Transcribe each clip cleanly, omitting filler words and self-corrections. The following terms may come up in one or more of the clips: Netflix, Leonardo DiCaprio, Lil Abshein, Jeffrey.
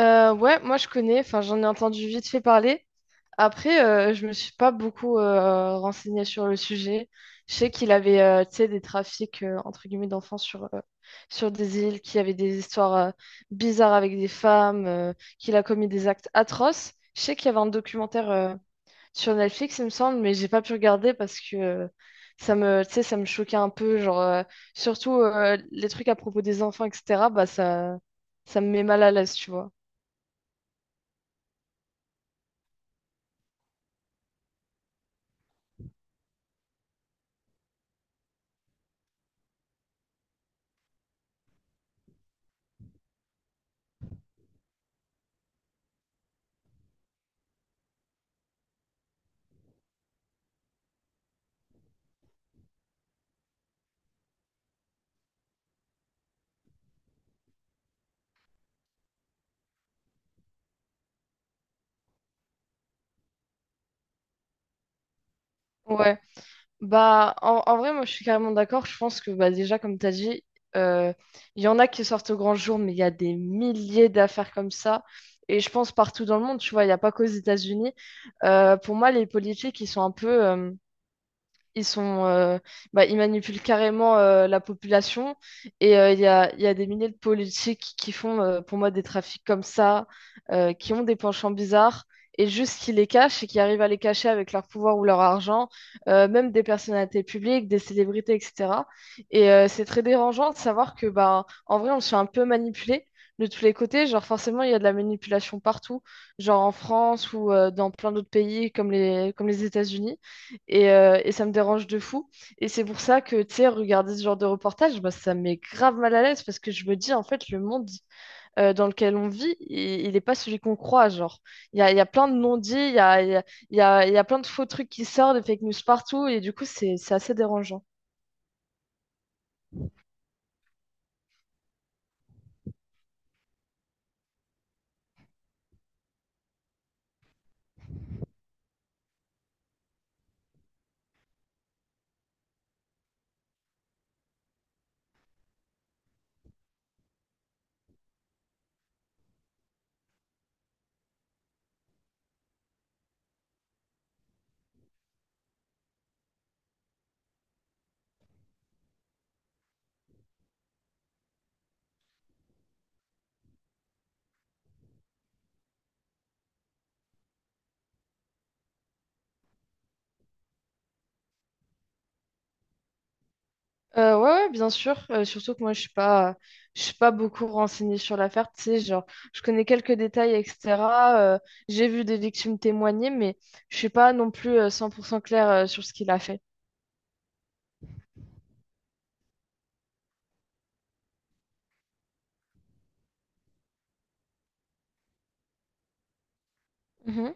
Ouais, moi je connais, enfin j'en ai entendu vite fait parler. Après, je me suis pas beaucoup renseignée sur le sujet. Je sais qu'il avait tu sais, des trafics entre guillemets d'enfants sur des îles, qu'il y avait des histoires bizarres avec des femmes, qu'il a commis des actes atroces. Je sais qu'il y avait un documentaire sur Netflix, il me semble, mais j'ai pas pu regarder parce que tu sais, ça me choquait un peu, surtout les trucs à propos des enfants, etc. Bah ça, ça me met mal à l'aise, tu vois. Ouais. Bah, en vrai, moi, je suis carrément d'accord. Je pense que, bah, déjà, comme tu as dit, euh, il y en a qui sortent au grand jour, mais il y a des milliers d'affaires comme ça. Et je pense partout dans le monde, tu vois, il n'y a pas qu'aux États-Unis. Pour moi, les politiques, ils sont un peu... ils sont, euh, bah, ils manipulent carrément la population. Et il y a des milliers de politiques qui font, pour moi, des trafics comme ça, qui ont des penchants bizarres, et juste qui les cachent et qui arrivent à les cacher avec leur pouvoir ou leur argent, même des personnalités publiques, des célébrités, etc. Et c'est très dérangeant de savoir que, bah, en vrai, on se fait un peu manipuler de tous les côtés, genre forcément il y a de la manipulation partout, genre en France ou dans plein d'autres pays comme comme les États-Unis. Et ça me dérange de fou. Et c'est pour ça que, tu sais, regarder ce genre de reportage, bah, ça me met grave mal à l'aise parce que je me dis, en fait, le monde dans lequel on vit, il est pas celui qu'on croit. Genre, il y a plein de non-dits, il y a, il y a, il y a, il y a plein de faux trucs qui sortent, des fake news partout. Et du coup, c'est assez dérangeant. Ouais, bien sûr. Surtout que moi, je suis pas beaucoup renseignée sur l'affaire. Tu sais, genre, je connais quelques détails, etc. Euh, j'ai vu des victimes témoigner, mais je suis pas non plus 100% claire sur ce qu'il a fait. Mhm,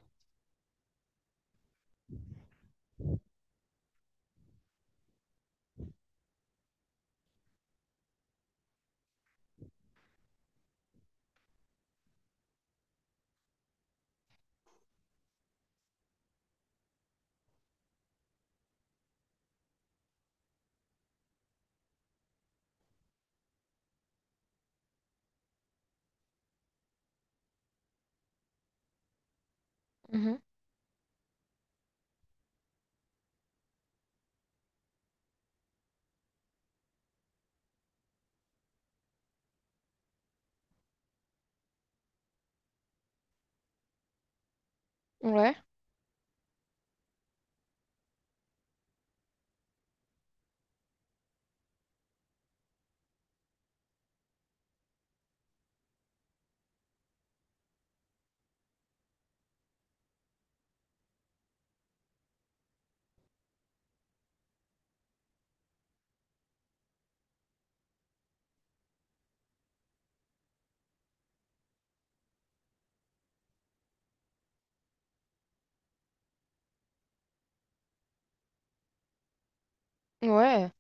mhm. Ouais, ouais, ouais,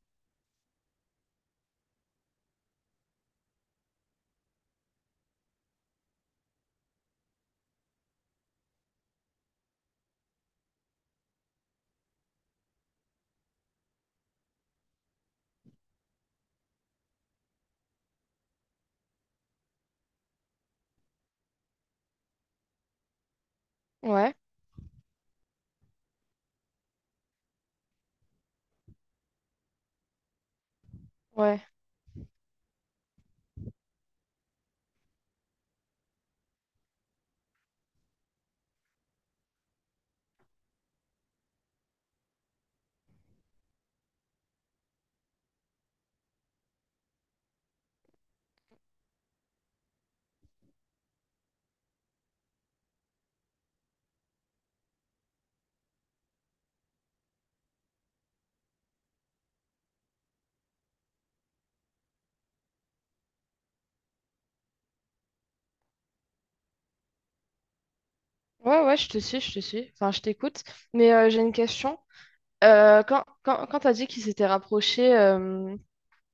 ouais, ouais, je te suis. Enfin, je t'écoute. Mais j'ai une question. Quand tu as dit qu'ils s'étaient rapprochés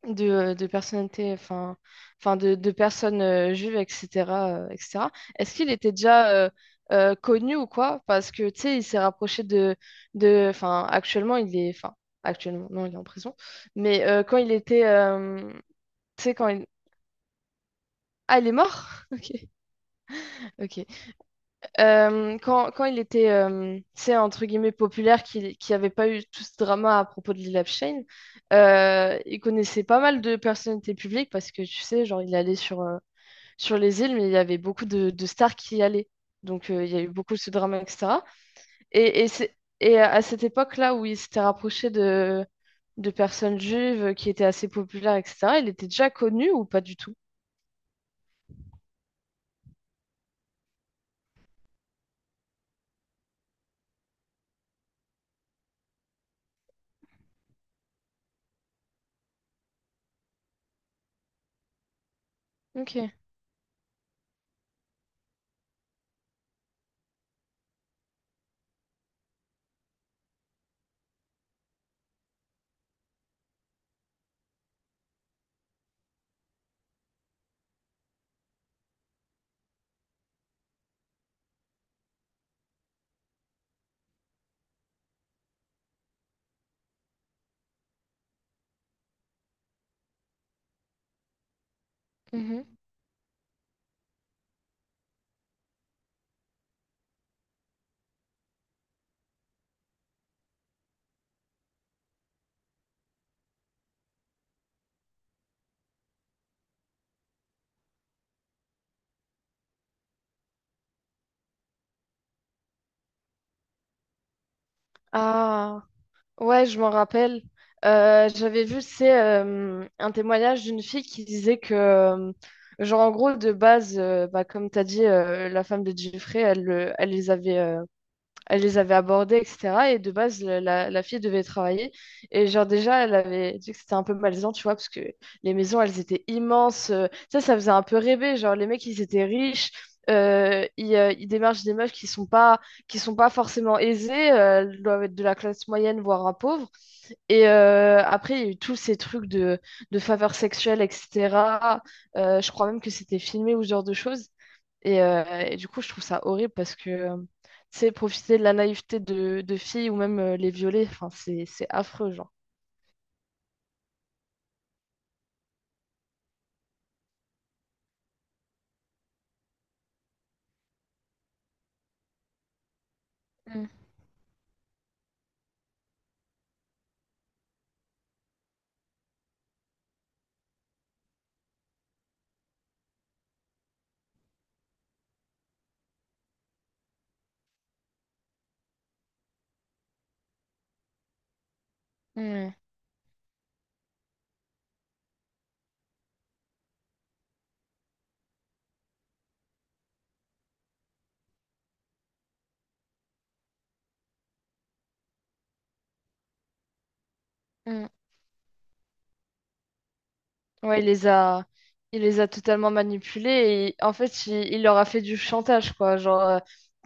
de personnalités, enfin, enfin de personnes juives, etc., etc., est-ce qu'il était déjà connu ou quoi? Parce que, tu sais, il s'est rapproché de... Enfin, actuellement, il est... Enfin, actuellement, non, il est en prison. Mais quand il était... tu sais, quand il... Ah, il est mort? Ok. Quand il était, tu sais, entre guillemets, populaire, qu'il avait pas eu tout ce drama à propos de Lil Abshein, il connaissait pas mal de personnalités publiques parce que, tu sais, genre, il allait sur les îles, mais il y avait beaucoup de stars qui y allaient. Donc, il y a eu beaucoup de ce drama, etc. Et à cette époque-là où il s'était rapproché de personnes juives qui étaient assez populaires, etc., il était déjà connu ou pas du tout? Ok. Mhm. Ah, ouais, je m'en rappelle. J'avais vu, c'est un témoignage d'une fille qui disait que, genre, en gros, de base, bah, comme tu as dit, la femme de Jeffrey, elle les avait abordés, etc. Et de base, la fille devait travailler. Et, genre, déjà, elle avait dit que c'était un peu malaisant, tu vois, parce que les maisons, elles étaient immenses. Ça, ça faisait un peu rêver. Genre, les mecs, ils étaient riches. Ils démarchent des meufs qui sont pas forcément aisées. Euh, elles doivent être de la classe moyenne, voire un pauvre. Et après, il y a eu tous ces trucs de faveurs sexuelles, etc. Je crois même que c'était filmé ou ce genre de choses. Et du coup, je trouve ça horrible parce que, tu sais, profiter de la naïveté de filles ou même les violer, enfin, c'est affreux, genre. Mm, mm, mm. Ouais, il les a, il les a totalement manipulés et en fait, il leur a fait du chantage, quoi. Genre, euh,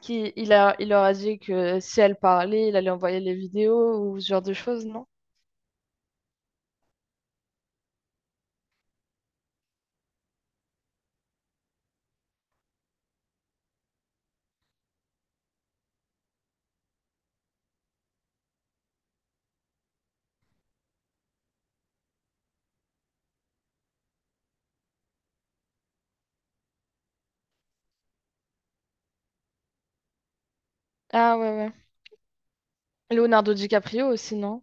qui, il a, il leur a dit que si elles parlaient, il allait envoyer les vidéos ou ce genre de choses, non? Ah ouais, ouais. Leonardo DiCaprio aussi, non?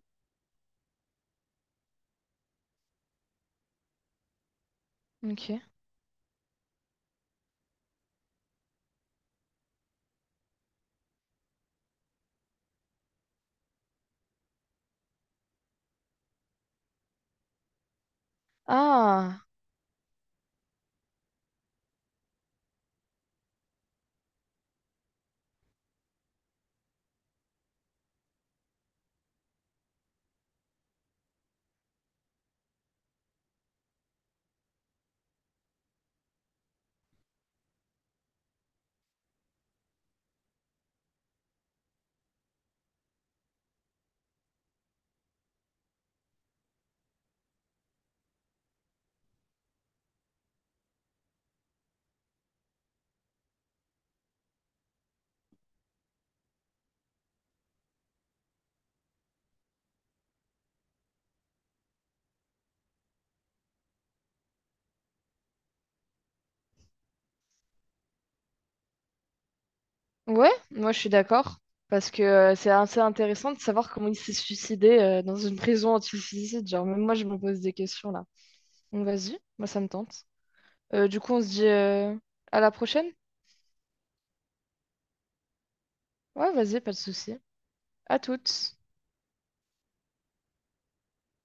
Ok. Ah, ouais, moi je suis d'accord. Parce que c'est assez intéressant de savoir comment il s'est suicidé dans une prison anti-suicide. Genre, même moi je me pose des questions là. Donc vas-y, moi ça me tente. Du coup, on se dit à la prochaine? Ouais, vas-y, pas de souci. À toutes.